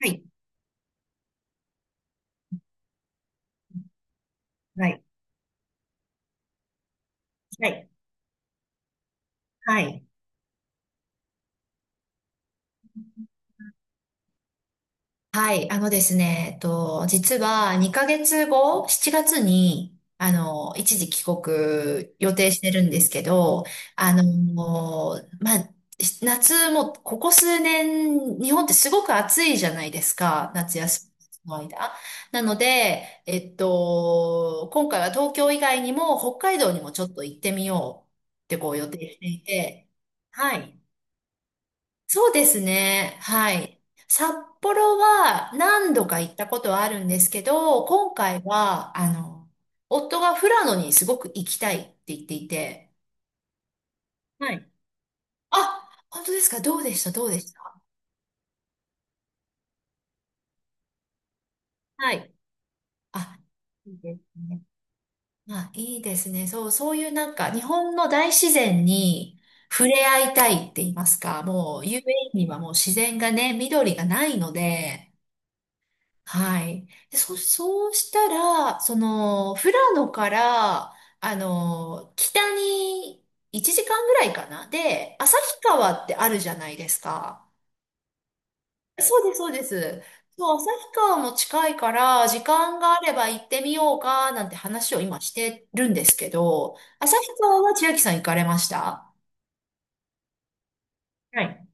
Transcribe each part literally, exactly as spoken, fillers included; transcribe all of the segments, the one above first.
はい。はい。はい。はい。はい、あのですね、えっと、実はにかげつご、しちがつに、あの、一時帰国予定してるんですけど、あの、まあ、し夏も、ここ数年、日本ってすごく暑いじゃないですか、夏休みの間。なので、えっと、今回は東京以外にも北海道にもちょっと行ってみようってこう予定していて、はい。そうですね。はい。札幌は何度か行ったことはあるんですけど、今回は、あの、夫が富良野にすごく行きたいって言っていて。はい。あ、本当ですか？どうでした？どうでした？はい。あ、いいですね。まあ、いいですね。そう、そういうなんか、日本の大自然に触れ合いたいって言いますか、もう有名にはもう自然がね、緑がないので、はい。で、そ、そうしたら、その、富良野から、あの、北にいちじかんぐらいかな。で、旭川ってあるじゃないですか。そうです、そうです。そう、旭川も近いから、時間があれば行ってみようか、なんて話を今してるんですけど、旭川は千秋さん行かれました？はい、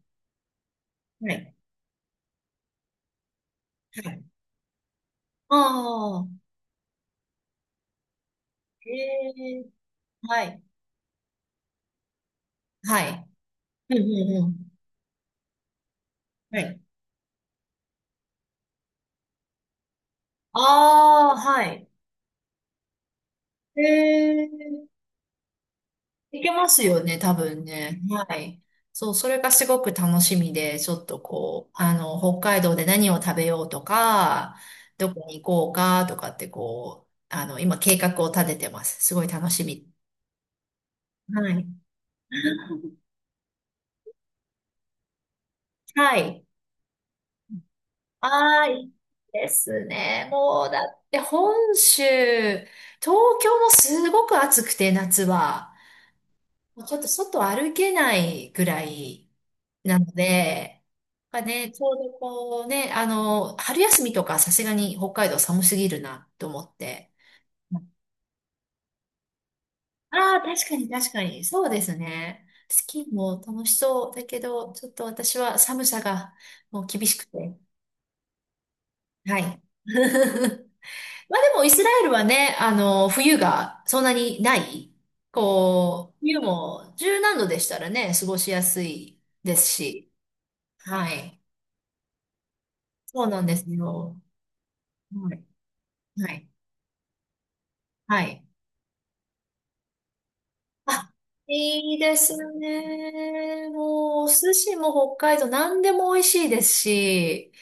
はい、はい。ああ、へえ、はい、はい。うん、うん、うん。はい。ああ、はい。ええ、いけますよね、多分ね。はい。そう、それがすごく楽しみで、ちょっとこう、あの、北海道で何を食べようとか、どこに行こうかとかってこう、あの、今計画を立ててます。すごい楽しみ。はい。はい。ああ、いいですね。もう、だって本州、東京もすごく暑くて、夏は。もうちょっと外歩けないぐらいなので、まあね、ちょうどこうね、あの、春休みとかさすがに北海道寒すぎるなと思って。ああ、確かに確かに。そうですね。スキーも楽しそうだけど、ちょっと私は寒さがもう厳しくて。はい。まあでもイスラエルはね、あの、冬がそんなにない。こう、冬もじゅうなんどでしたらね、過ごしやすいですし。はい。そうなんですよ。はい。はい。はい。あ、いいですね。もう、お寿司も北海道何でも美味しいですし、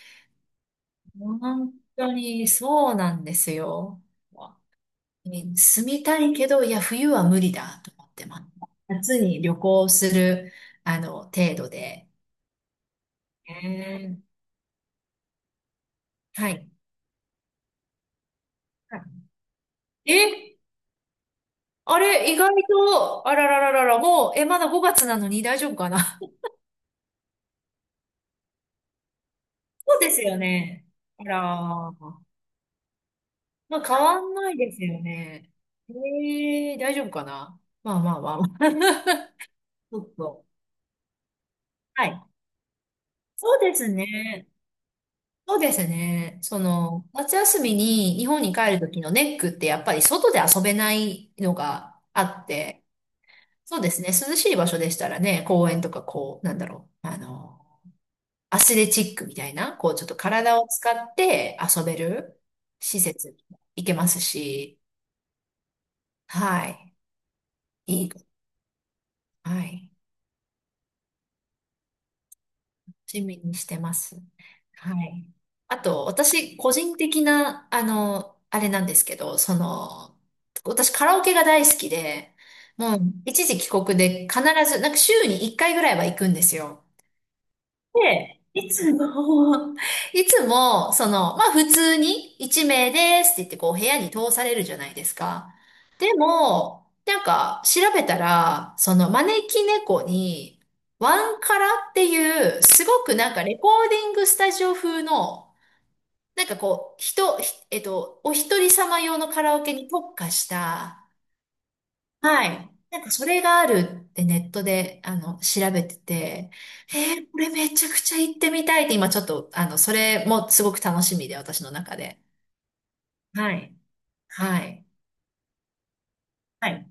本当にそうなんですよ。ね、住みたいけど、いや、冬は無理だと思ってます。夏に旅行する、あの、程度で。ね、はい。はい、え、あれ、意外と、あららららら、もう、え、まだごがつなのに大丈夫かな。 そうですよね。あらー。まあ、変わんないですよね。ええ、大丈夫かな。まあまあまあまあ。ちょっと。はい。そうですね。そうですね。その、夏休みに日本に帰るときのネックってやっぱり外で遊べないのがあって、そうですね。涼しい場所でしたらね、公園とかこう、なんだろう。あの、アスレチックみたいな、こうちょっと体を使って遊べる施設行けますし、はい。いい。はい。趣味にしてます。はい。あと、私、個人的な、あの、あれなんですけど、その、私、カラオケが大好きで、もう、一時帰国で必ず、なんか週にいっかいぐらいは行くんですよ。で、いつも、いつも、その、まあ普通にいちめいですって言ってこう部屋に通されるじゃないですか。でも、なんか調べたら、その招き猫に、ワンカラっていう、すごくなんかレコーディングスタジオ風の、なんかこう、人、ひえっと、お一人様用のカラオケに特化した、はい。なんかそれがあるってネットで、あの、調べてて、えー、これめちゃくちゃ行ってみたいって今ちょっと、あの、それもすごく楽しみで、私の中で。はい。はい。はい。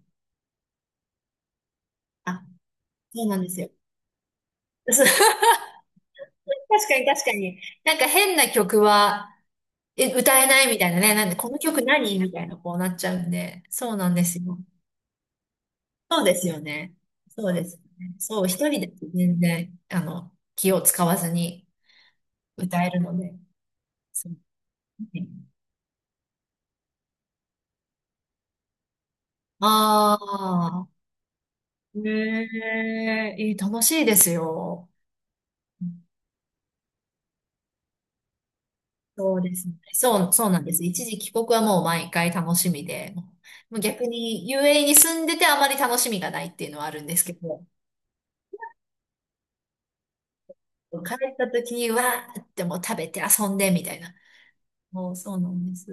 あ、そうなんですよ。そう。 確かに確かに。なんか変な曲は、え、歌えないみたいなね。なんで、この曲何みたいな、こうなっちゃうんで。そうなんですよ。そうですよね。そうですよね。そう、一人で全然、あの、気を使わずに歌えるので。そう、ああ、ねえ、いい、楽しいですよ。そうですね。そう、そうなんです。一時帰国はもう毎回楽しみで、もう逆に遊 a に住んでてあまり楽しみがないっていうのはあるんですけど、帰った時にわーってもう食べて遊んでみたいな。もうそうなんです。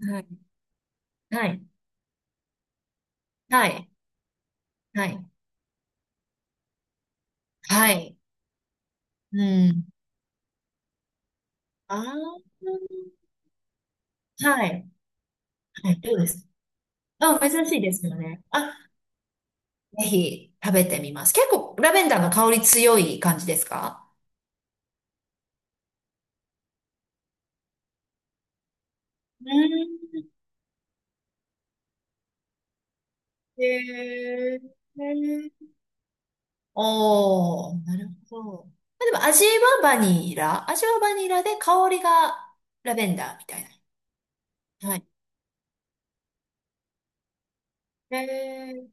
はい。はい。はい。はい。はい。うん。ああ、はい。はい。どうです？あ、珍しいですよね。あ、ぜひ食べてみます。結構ラベンダーの香り強い感じですか？うん。へー、おー、なるほど。まあでも味はバニラ、味はバニラで香りがラベンダーみたいな。はい。へー、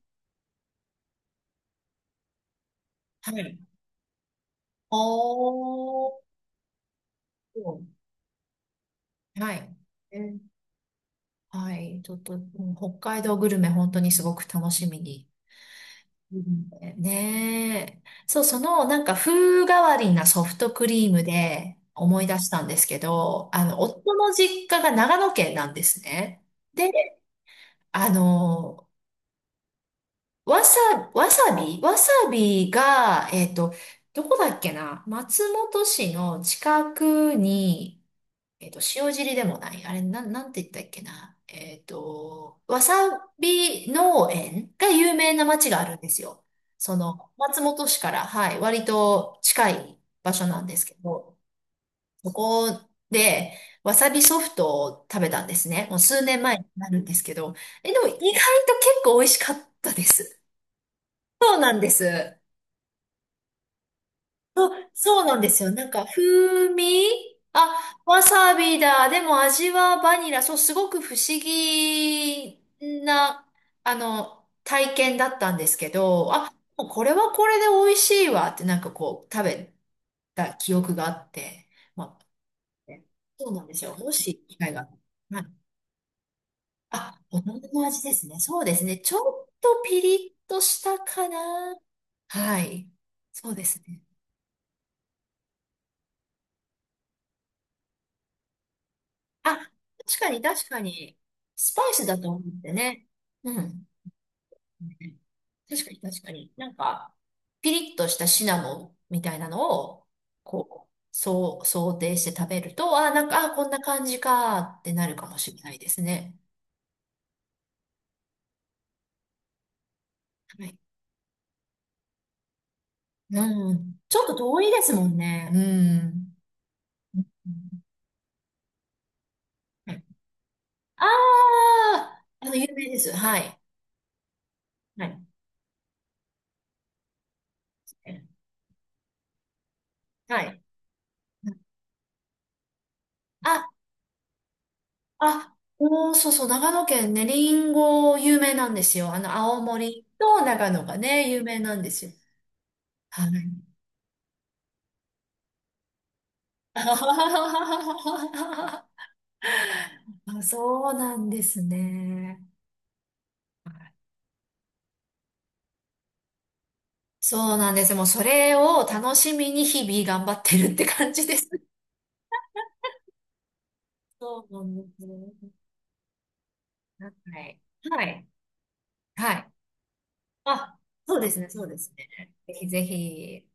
はい。おー、はい。えーはい。ちょっと、うん、北海道グルメ本当にすごく楽しみに。うん、ねえ。そう、その、なんか風変わりなソフトクリームで思い出したんですけど、あの、夫の実家が長野県なんですね。で、あの、わさ、わさびわさびが、えっと、どこだっけな、松本市の近くに、えっと、塩尻でもない。あれ、なん、なんて言ったっけな。えっと、わさび農園が有名な町があるんですよ。その、松本市から、はい、割と近い場所なんですけど、そこで、わさびソフトを食べたんですね。もう数年前になるんですけど、え、でも意外と結構美味しかったです。そうなんです。そうなんですよ。なんか、風味、あ、わさびだ。でも味はバニラ。そう、すごく不思議な、あの、体験だったんですけど、あ、もうこれはこれで美味しいわって、なんかこう、食べた記憶があって、まあ、そうなんですよ。もし機会が。はい。あ、大人の味ですね。そうですね。ちょっとピリッとしたかな。はい。そうですね。あ、確かに確かに、スパイスだと思ってね。うん。確かに確かに。なんか、ピリッとしたシナモンみたいなのを、こう、そう、想定して食べると、あ、なんか、あ、こんな感じかってなるかもしれないですね。はい。うん。ちょっと遠いですもんね。うん。はい、ああー、あの、有名です。はい。はい。はい。ああ、おー、そうそう、長野県ね、りんご有名なんですよ。あの、青森と長野がね、有名なんですよ。はい。あ、そうなんですね。そうなんです。もうそれを楽しみに日々頑張ってるって感じです。そうなんですね。はい。はい。はい。あ、そうですね、そうですね。ぜひぜひ。